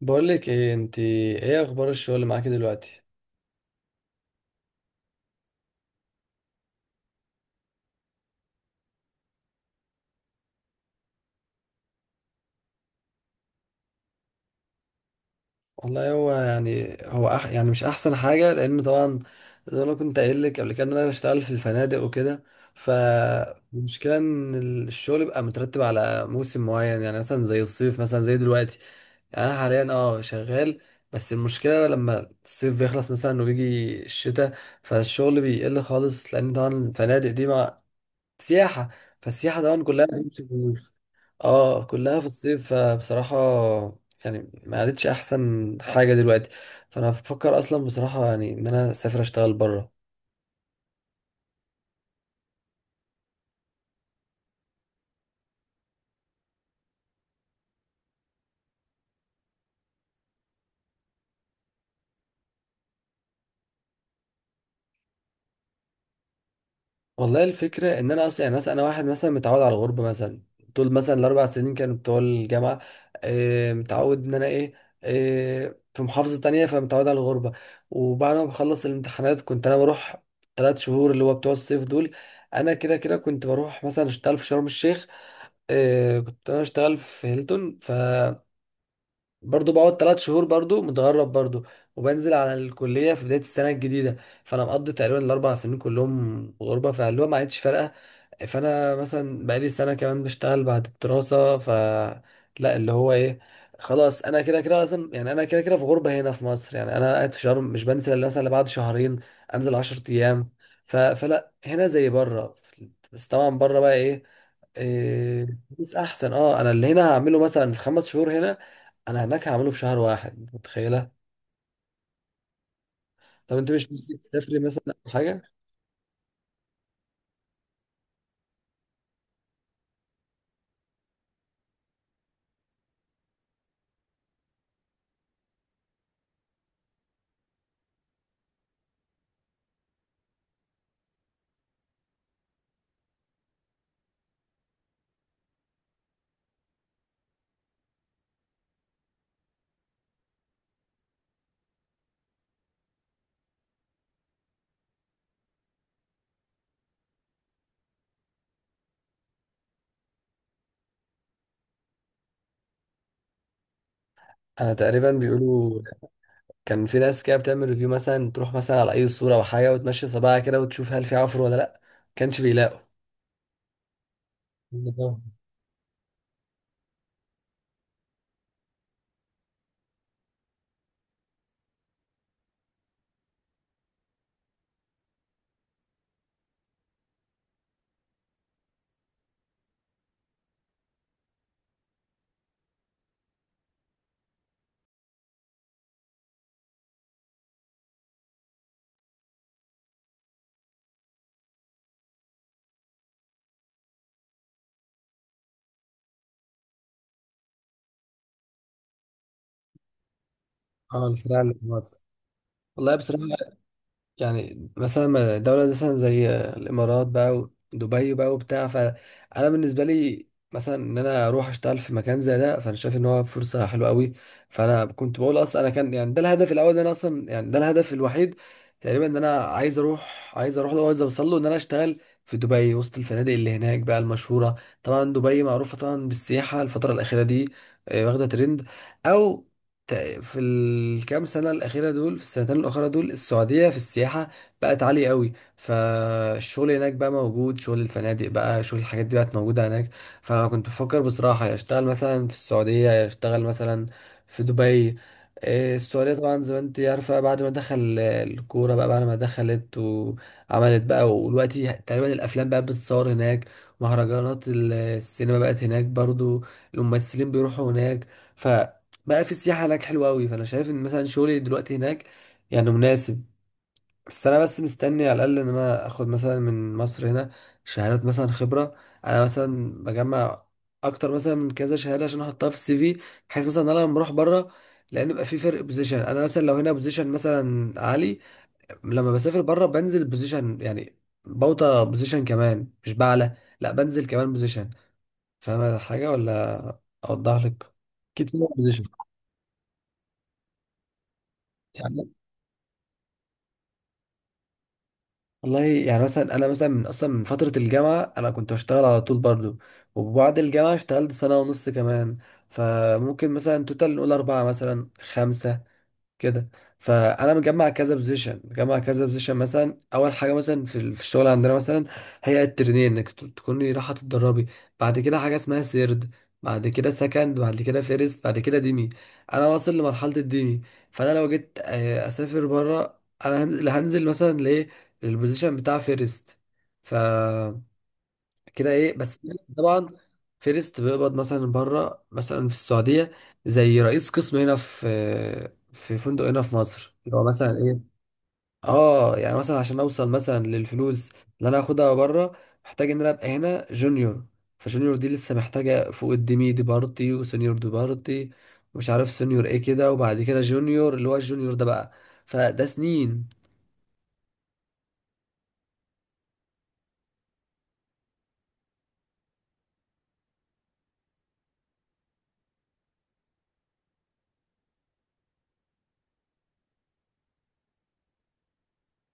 بقول لك ايه؟ انت ايه اخبار الشغل معاكي دلوقتي؟ والله هو يعني هو يعني مش احسن حاجه، لانه طبعا زي ما أنا كنت قايل لك قبل كده ان انا بشتغل في الفنادق وكده. فالمشكله ان الشغل بيبقى مترتب على موسم معين، يعني مثلا زي الصيف، مثلا زي دلوقتي. يعني انا حاليا شغال، بس المشكله لما الصيف بيخلص مثلا وبيجي الشتاء فالشغل بيقل خالص، لان طبعا الفنادق دي مع سياحه، فالسياحه طبعا كلها اه كلها في الصيف. فبصراحة يعني ما عادتش احسن حاجة دلوقتي، فانا بفكر اصلا بصراحة يعني ان انا اسافر اشتغل بره. والله الفكرة ان انا اصلا يعني مثلا انا واحد مثلا متعود على الغربة، مثلا طول مثلا الاربع سنين كانوا بتوع الجامعة. آه، متعود ان انا ايه، آه في محافظة تانية، فمتعود على الغربة. وبعد ما بخلص الامتحانات كنت انا بروح 3 شهور اللي هو بتوع الصيف دول، انا كده كده كنت بروح مثلا اشتغل في شرم الشيخ. آه، كنت انا اشتغل في هيلتون، برضو بقعد 3 شهور برضو متغرب برضو، وبنزل على الكلية في بداية السنة الجديدة. فأنا مقضي تقريبا الأربع سنين كلهم غربة، فاللي هو ما عادش فارقة. فأنا مثلا بقالي سنة كمان بشتغل بعد الدراسة لا، اللي هو إيه، خلاص أنا كده كده أصلا، يعني أنا كده كده في غربة هنا في مصر، يعني أنا قاعد في شرم مش بنزل إلا مثلا إلا بعد شهرين، أنزل 10 أيام. فلا هنا زي بره، بس طبعا بره بقى إيه، إيه، فلوس احسن. اه انا اللي هنا هعمله مثلا في 5 شهور هنا انا هناك هعمله في شهر واحد، متخيله؟ طب انت مش نفسك تسافري مثلا او حاجه؟ انا تقريبا بيقولوا كان في ناس كده بتعمل ريفيو، مثلا تروح مثلا على اي صوره او حاجه وتمشي صباعها كده وتشوف هل في عفر ولا لا. كانش بيلاقوا. اه الفراعنة اللي في مصر، والله بصراحه يعني مثلا دولة مثلا زي الإمارات بقى ودبي بقى وبتاع، فأنا بالنسبة لي مثلا إن أنا أروح أشتغل في مكان زي ده، فأنا شايف إن هو فرصة حلوة قوي. فأنا كنت بقول أصلا أنا كان يعني ده الهدف الأول، إن أنا أصلا يعني ده الهدف الوحيد تقريبا، إن أنا عايز أروح، عايز أروح له وعايز أوصل له إن أنا أشتغل في دبي وسط الفنادق اللي هناك بقى المشهورة. طبعا دبي معروفة طبعا بالسياحة الفترة الأخيرة دي. آه، واخدة ترند. أو ت- في الكام سنة الأخيرة دول، في السنتين الأخيرة دول السعودية في السياحة بقت عالية قوي، فالشغل هناك بقى موجود، شغل الفنادق بقى، شغل الحاجات دي بقت موجودة هناك. فأنا كنت بفكر بصراحة يا أشتغل مثلا في السعودية يا أشتغل مثلا في دبي. إيه، السعودية طبعا زي ما انت عارفة بعد ما دخل الكورة بقى، بعد ما دخلت وعملت بقى، ودلوقتي تقريبا الأفلام بقى بتتصور هناك، مهرجانات السينما بقت هناك برضو، الممثلين بيروحوا هناك، بقى في السياحة هناك حلوة أوي. فأنا شايف إن مثلا شغلي دلوقتي هناك يعني مناسب. بس أنا بس مستني على الأقل إن أنا آخد مثلا من مصر هنا شهادات مثلا خبرة، أنا مثلا بجمع أكتر مثلا من كذا شهادة عشان أحطها في السي في، بحيث مثلا إن أنا لما أروح بره، لأن بيبقى في فرق بوزيشن، أنا مثلا لو هنا بوزيشن مثلا عالي لما بسافر بره بنزل بوزيشن، يعني بوطى بوزيشن كمان مش بعلى، لأ بنزل كمان بوزيشن. فاهم حاجة ولا أوضح لك؟ أكيد بوزيشن. والله يعني مثلا انا مثلا من اصلا من فتره الجامعه انا كنت بشتغل على طول برضو، وبعد الجامعه اشتغلت سنه ونص كمان، فممكن مثلا توتال نقول اربعه مثلا خمسه كده. فانا مجمع كذا بوزيشن، مجمع كذا بوزيشن مثلا. اول حاجه مثلا في في الشغل عندنا مثلا هي الترنين، انك تكوني رايحه تتدربي، بعد كده حاجه اسمها سيرد، بعد كده سكند، بعد كده فيرست، بعد كده ديمي. انا واصل لمرحله الديمي، فانا لو جيت اسافر بره انا هنزل مثلا لايه، للبوزيشن بتاع فيرست. ف كده ايه، بس فيرست طبعا. فيرست بيقبض مثلا بره مثلا في السعوديه زي رئيس قسم هنا في في فندق هنا في مصر اللي هو مثلا ايه. اه يعني مثلا عشان اوصل مثلا للفلوس اللي انا هاخدها بره محتاج ان انا ابقى هنا جونيور. فجونيور دي لسه محتاجه فوق الديمي دي بارتي وسينيور دي بارتي. مش عارف سينيور ايه كده، وبعد كده جونيور اللي هو الجونيور ده بقى. فده سنين.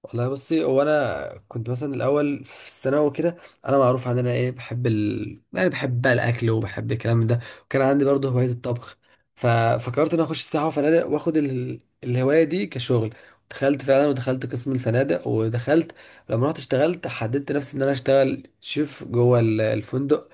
والله بصي، هو انا كنت مثلا الاول في الثانوي كده، انا معروف عن انا ايه بحب يعني بحب بقى الاكل وبحب الكلام ده، وكان عندي برضه هوايه الطبخ. ففكرت ان أنا اخش سياحه وفنادق واخد الهوايه دي كشغل، دخلت فعلا ودخلت قسم الفنادق ودخلت. لما رحت اشتغلت حددت نفسي ان انا اشتغل شيف جوه الفندق،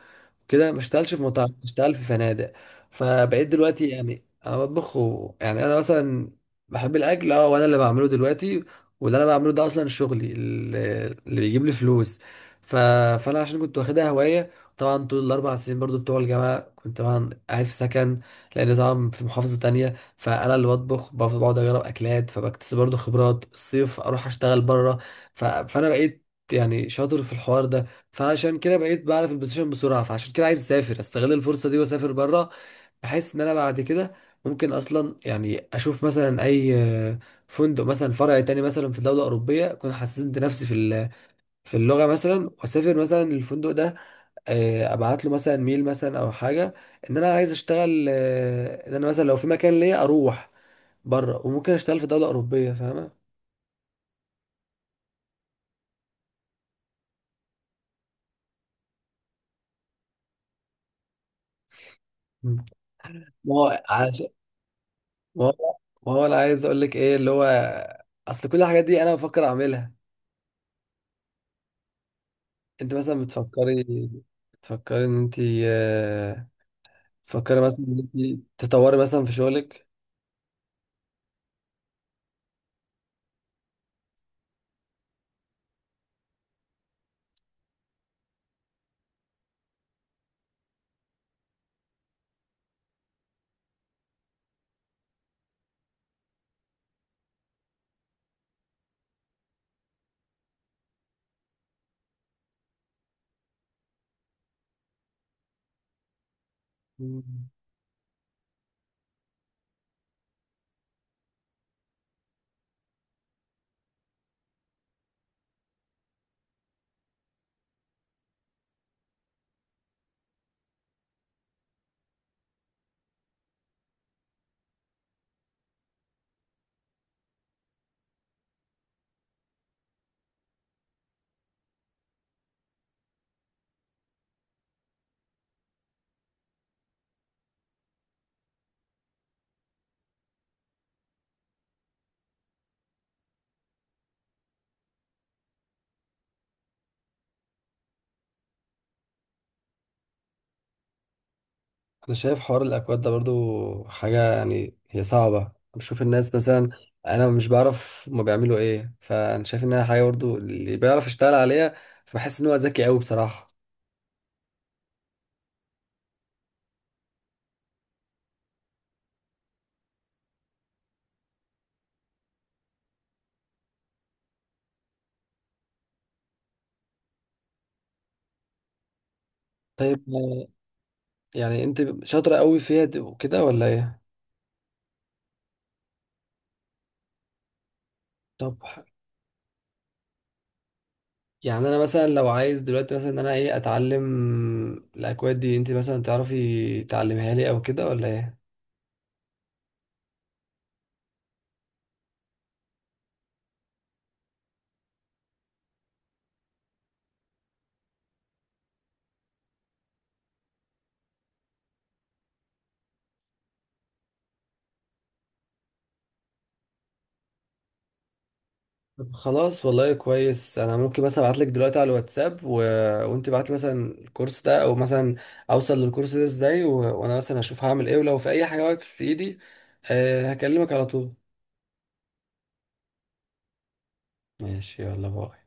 كده ما اشتغلش في مطاعم، اشتغل في فنادق. فبقيت دلوقتي يعني انا بطبخ يعني انا مثلا بحب الاكل، اه وانا اللي بعمله دلوقتي، واللي انا بعمله ده اصلا شغلي اللي بيجيب لي فلوس. ف... فانا عشان كنت واخدها هوايه، طبعا طول الاربع سنين برضو بتوع الجامعه كنت طبعا قاعد في سكن لان طبعا في محافظه تانية، فانا اللي بطبخ بقعد اجرب اكلات فبكتسب برضو خبرات. الصيف اروح اشتغل بره. فانا بقيت يعني شاطر في الحوار ده. فعشان كده بقيت بعرف البوزيشن بسرعه، فعشان كده عايز اسافر استغل الفرصه دي واسافر بره، بحيث ان انا بعد كده ممكن اصلا يعني اشوف مثلا اي فندق مثلا فرع تاني مثلا في دوله اوروبيه، اكون حسنت نفسي في في اللغه مثلا واسافر مثلا الفندق ده، ابعت له مثلا ميل مثلا او حاجه ان انا عايز اشتغل، ان انا مثلا لو في مكان ليا اروح بره، وممكن اشتغل في دوله اوروبيه، فاهمه؟ مم. ما هو ما هو ما هو انا عايز اقول لك ايه اللي هو اصل كل الحاجات دي انا بفكر اعملها. انت مثلا بتفكري ان انت، آه، بتفكري مثلا ان انت تطوري مثلا في شغلك. مم. انا شايف حوار الاكواد ده برضو حاجه يعني هي صعبه، بشوف الناس مثلا، انا مش بعرف هما بيعملوا ايه، فانا شايف انها حاجه برضو اللي بيعرف يشتغل عليها فبحس ان هو ذكي قوي بصراحه. طيب يعني انت شاطره قوي فيها وكده ولا ايه؟ طب يعني انا مثلا لو عايز دلوقتي مثلا ان انا ايه اتعلم الاكواد دي، انت مثلا تعرفي تعلمها لي او كده ولا ايه؟ طب خلاص، والله كويس. انا ممكن مثلا ابعت لك دلوقتي على الواتساب وانت بعت لي مثلا الكورس ده، او مثلا اوصل للكورس ده ازاي، وانا مثلا اشوف هعمل ايه، ولو في اي حاجه واقف في ايدي أه هكلمك على طول. ماشي، يلا باي.